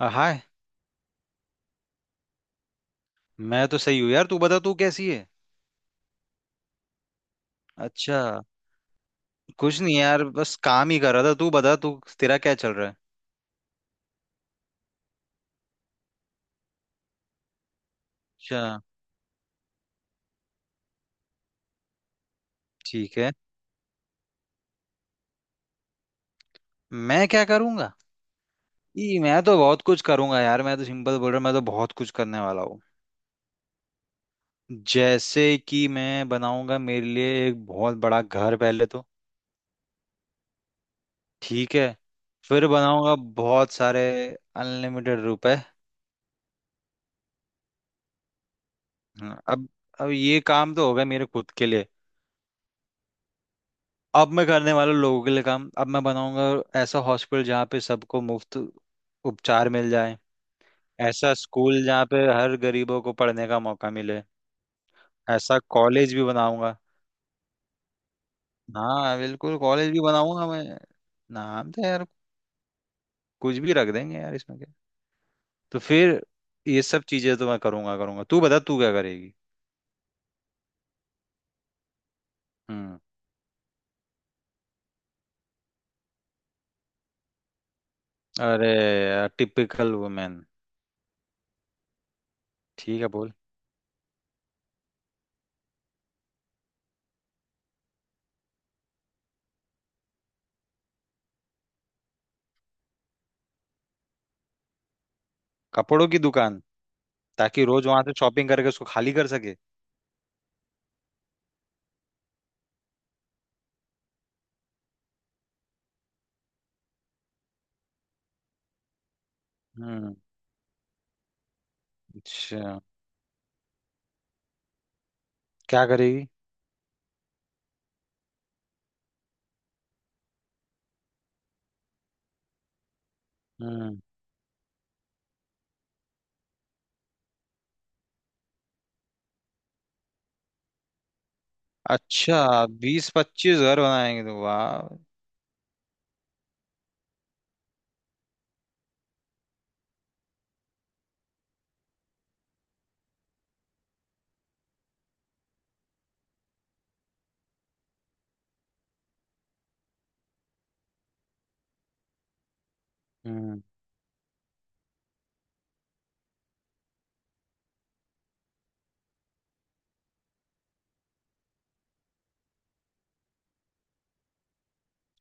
हाय। मैं तो सही हूँ यार, तू बता तू कैसी है। अच्छा। कुछ नहीं यार बस काम ही कर रहा था, तू बता तू तेरा क्या चल रहा है। अच्छा। ठीक है। मैं क्या करूंगा? ई मैं तो बहुत कुछ करूंगा यार, मैं तो सिंपल बोल रहा हूँ, मैं तो बहुत कुछ करने वाला हूँ। जैसे कि मैं बनाऊंगा मेरे लिए एक बहुत बड़ा घर पहले तो। ठीक है। फिर बनाऊंगा बहुत सारे अनलिमिटेड रुपए। हाँ, अब ये काम तो होगा मेरे खुद के लिए। अब मैं करने वाला हूँ लोगों के लिए काम, अब मैं बनाऊंगा ऐसा हॉस्पिटल जहाँ पे सबको मुफ्त उपचार मिल जाए। ऐसा स्कूल जहाँ पे हर गरीबों को पढ़ने का मौका मिले। ऐसा कॉलेज भी बनाऊंगा। हाँ बिल्कुल कॉलेज भी बनाऊंगा मैं। नाम तो यार कुछ भी रख देंगे यार, इसमें क्या। तो फिर ये सब चीजें तो मैं करूंगा करूंगा। तू बता तू क्या करेगी। हम्म। अरे यार टिपिकल वुमेन। ठीक है बोल। कपड़ों की दुकान? ताकि रोज वहां से शॉपिंग करके उसको खाली कर सके। हम्म। अच्छा। क्या करेगी? हम्म। अच्छा 20-25 घर बनाएंगे तो वाह। हम्म।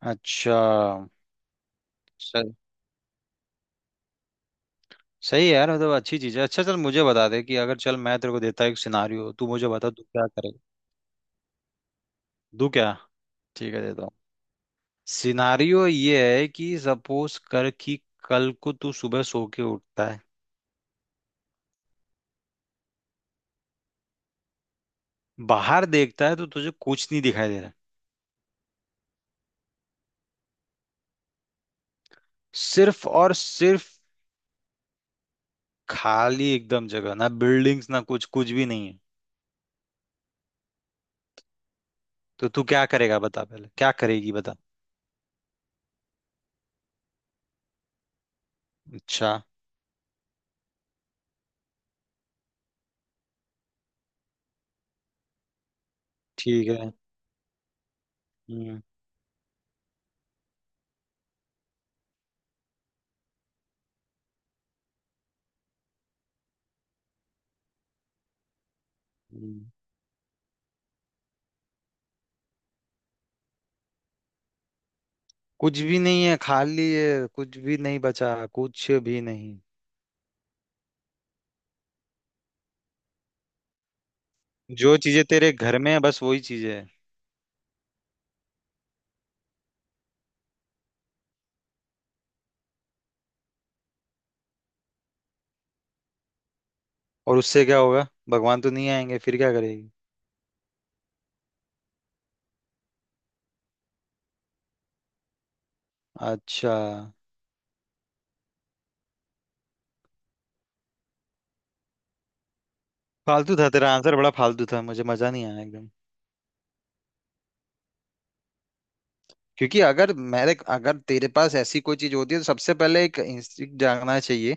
अच्छा। सही। सही है यार, मतलब अच्छी चीज है। अच्छा चल मुझे बता दे कि अगर चल मैं तेरे को देता हूँ एक सिनारियो, तू मुझे बता तू क्या करेगा। तू क्या? ठीक है देता हूँ। सिनारियो ये है कि सपोज कर कि कल को तू सुबह सो के उठता है, बाहर देखता है तो तुझे कुछ नहीं दिखाई दे रहा है। सिर्फ और सिर्फ खाली एकदम जगह, ना बिल्डिंग्स ना कुछ, कुछ भी नहीं है। तो तू क्या करेगा बता, पहले क्या करेगी बता। अच्छा। ठीक है। हम्म हम्म। कुछ भी नहीं है, खाली है, कुछ भी नहीं बचा कुछ भी नहीं। जो चीजें तेरे घर में है बस वही चीजें है। और उससे क्या होगा, भगवान तो नहीं आएंगे, फिर क्या करेगी? अच्छा। फालतू था तेरा आंसर, बड़ा फालतू था, मुझे मजा नहीं आया एकदम। क्योंकि अगर तेरे पास ऐसी कोई चीज होती है तो सबसे पहले एक इंस्टिंक्ट जागना चाहिए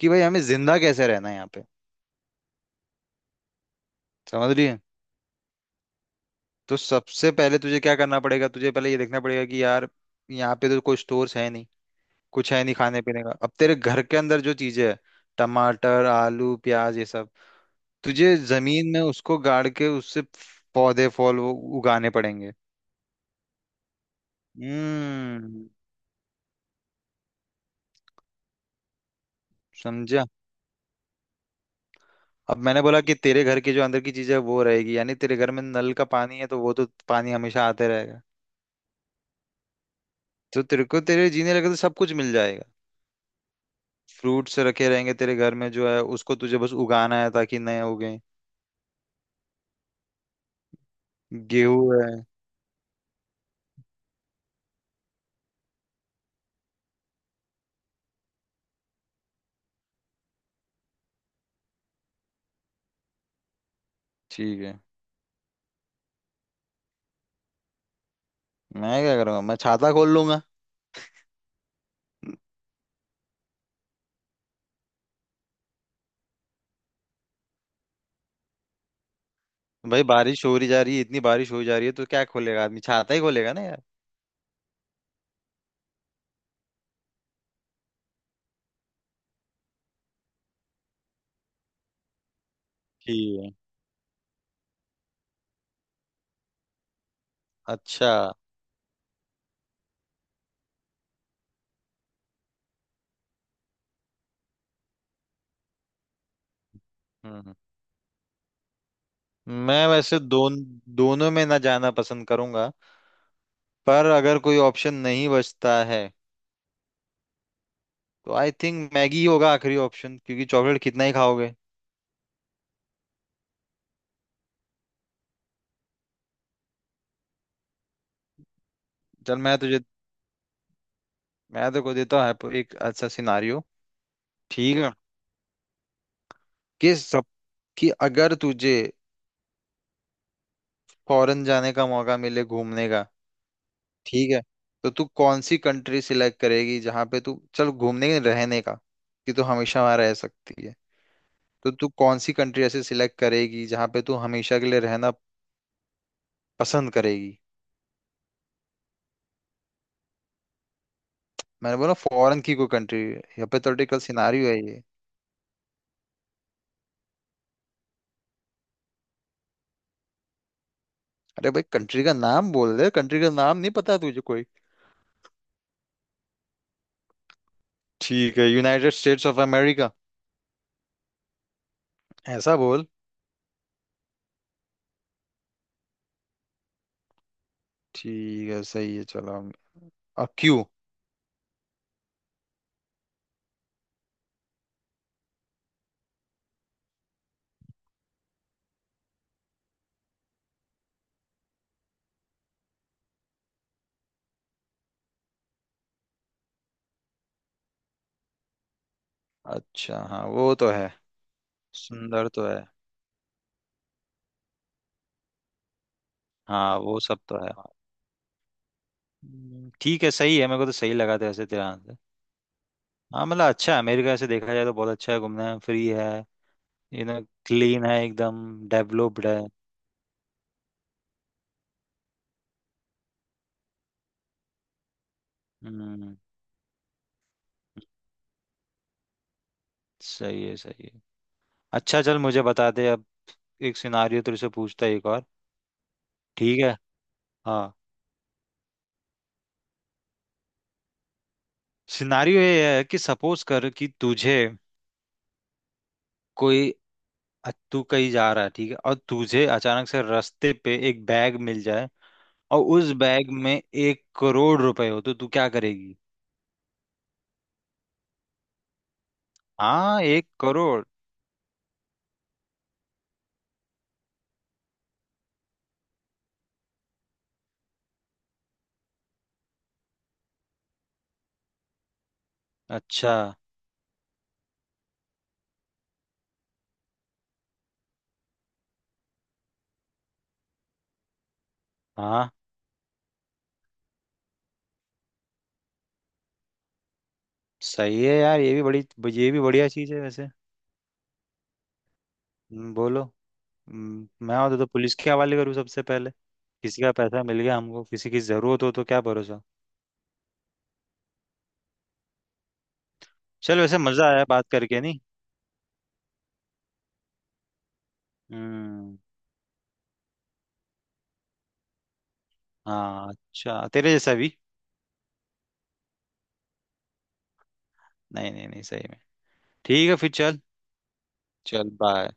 कि भाई हमें जिंदा कैसे रहना है यहाँ पे। समझ रही है? तो सबसे पहले तुझे क्या करना पड़ेगा, तुझे पहले ये देखना पड़ेगा कि यार यहाँ पे तो कोई स्टोर्स है नहीं, कुछ है नहीं खाने पीने का। अब तेरे घर के अंदर जो चीजें है, टमाटर आलू प्याज ये सब, तुझे जमीन में उसको गाड़ के उससे पौधे फल वो उगाने पड़ेंगे। हम्म। समझा? अब मैंने बोला कि तेरे घर के जो अंदर की चीजें हैं, वो रहेगी, यानी तेरे घर में नल का पानी है तो वो तो पानी हमेशा आते रहेगा। तो तेरे को तेरे जीने लगे तो सब कुछ मिल जाएगा। फ्रूट्स रखे रहेंगे तेरे घर में, जो है उसको तुझे बस उगाना है ताकि नए उगे। गेहूं है। ठीक है। मैं क्या करूंगा, मैं छाता खोल लूंगा। भाई बारिश हो रही जा रही है, इतनी बारिश हो जा रही है तो क्या खोलेगा आदमी, छाता ही खोलेगा ना यार। ठीक है। अच्छा। हम्म हम्म। मैं वैसे दोनों में ना जाना पसंद करूंगा, पर अगर कोई ऑप्शन नहीं बचता है तो आई थिंक मैगी ही होगा आखिरी ऑप्शन, क्योंकि चॉकलेट कितना ही खाओगे। चल मैं तुझे, मैं तो को देता हूँ एक अच्छा सिनारियो। ठीक है। कि सबकी, अगर तुझे फॉरेन जाने का मौका मिले घूमने का, ठीक है, तो तू कौन सी कंट्री सिलेक्ट करेगी जहां पे तू चल घूमने रहने का, कि तू हमेशा वहां रह सकती है, तो तू कौन सी कंट्री ऐसे सिलेक्ट करेगी जहां पे तू हमेशा के लिए रहना पसंद करेगी। मैंने बोला फॉरेन की कोई कंट्री, हाइपोथेटिकल सिनारियो है ये। अरे भाई कंट्री का नाम बोल दे, कंट्री का नाम नहीं पता तुझे कोई? ठीक है, यूनाइटेड स्टेट्स ऑफ अमेरिका, ऐसा बोल। ठीक है सही है चलो हम-। और क्यों? अच्छा हाँ वो तो है। सुंदर तो है। हाँ वो सब तो है। ठीक है सही है, मेरे को तो सही लगा था वैसे तेरा आंसर। हाँ मतलब अच्छा है अमेरिका, से देखा जाए तो बहुत अच्छा है, घूमना है, फ्री है, यू नो, क्लीन है एकदम, डेवलप्ड है। हम्म। सही है सही है। अच्छा चल मुझे बता दे, अब एक सिनारियो तेरे से पूछता है एक और। ठीक है। हाँ। सिनारियो ये है कि सपोज कर कि तुझे कोई, तू कहीं जा रहा है ठीक है, और तुझे अचानक से रास्ते पे एक बैग मिल जाए, और उस बैग में 1 करोड़ रुपए हो, तो तू क्या करेगी? हाँ 1 करोड़। अच्छा। हाँ सही है यार, ये भी बड़ी, ये भी बढ़िया चीज़ है वैसे। बोलो। मैं होता तो पुलिस के हवाले करूँ सबसे पहले, किसी का पैसा मिल गया हमको, किसी की ज़रूरत हो तो क्या भरोसा। चल वैसे मज़ा आया बात करके, नहीं? हम्म। हाँ, अच्छा तेरे जैसा भी। नहीं नहीं नहीं सही में। ठीक है फिर चल। चल बाय।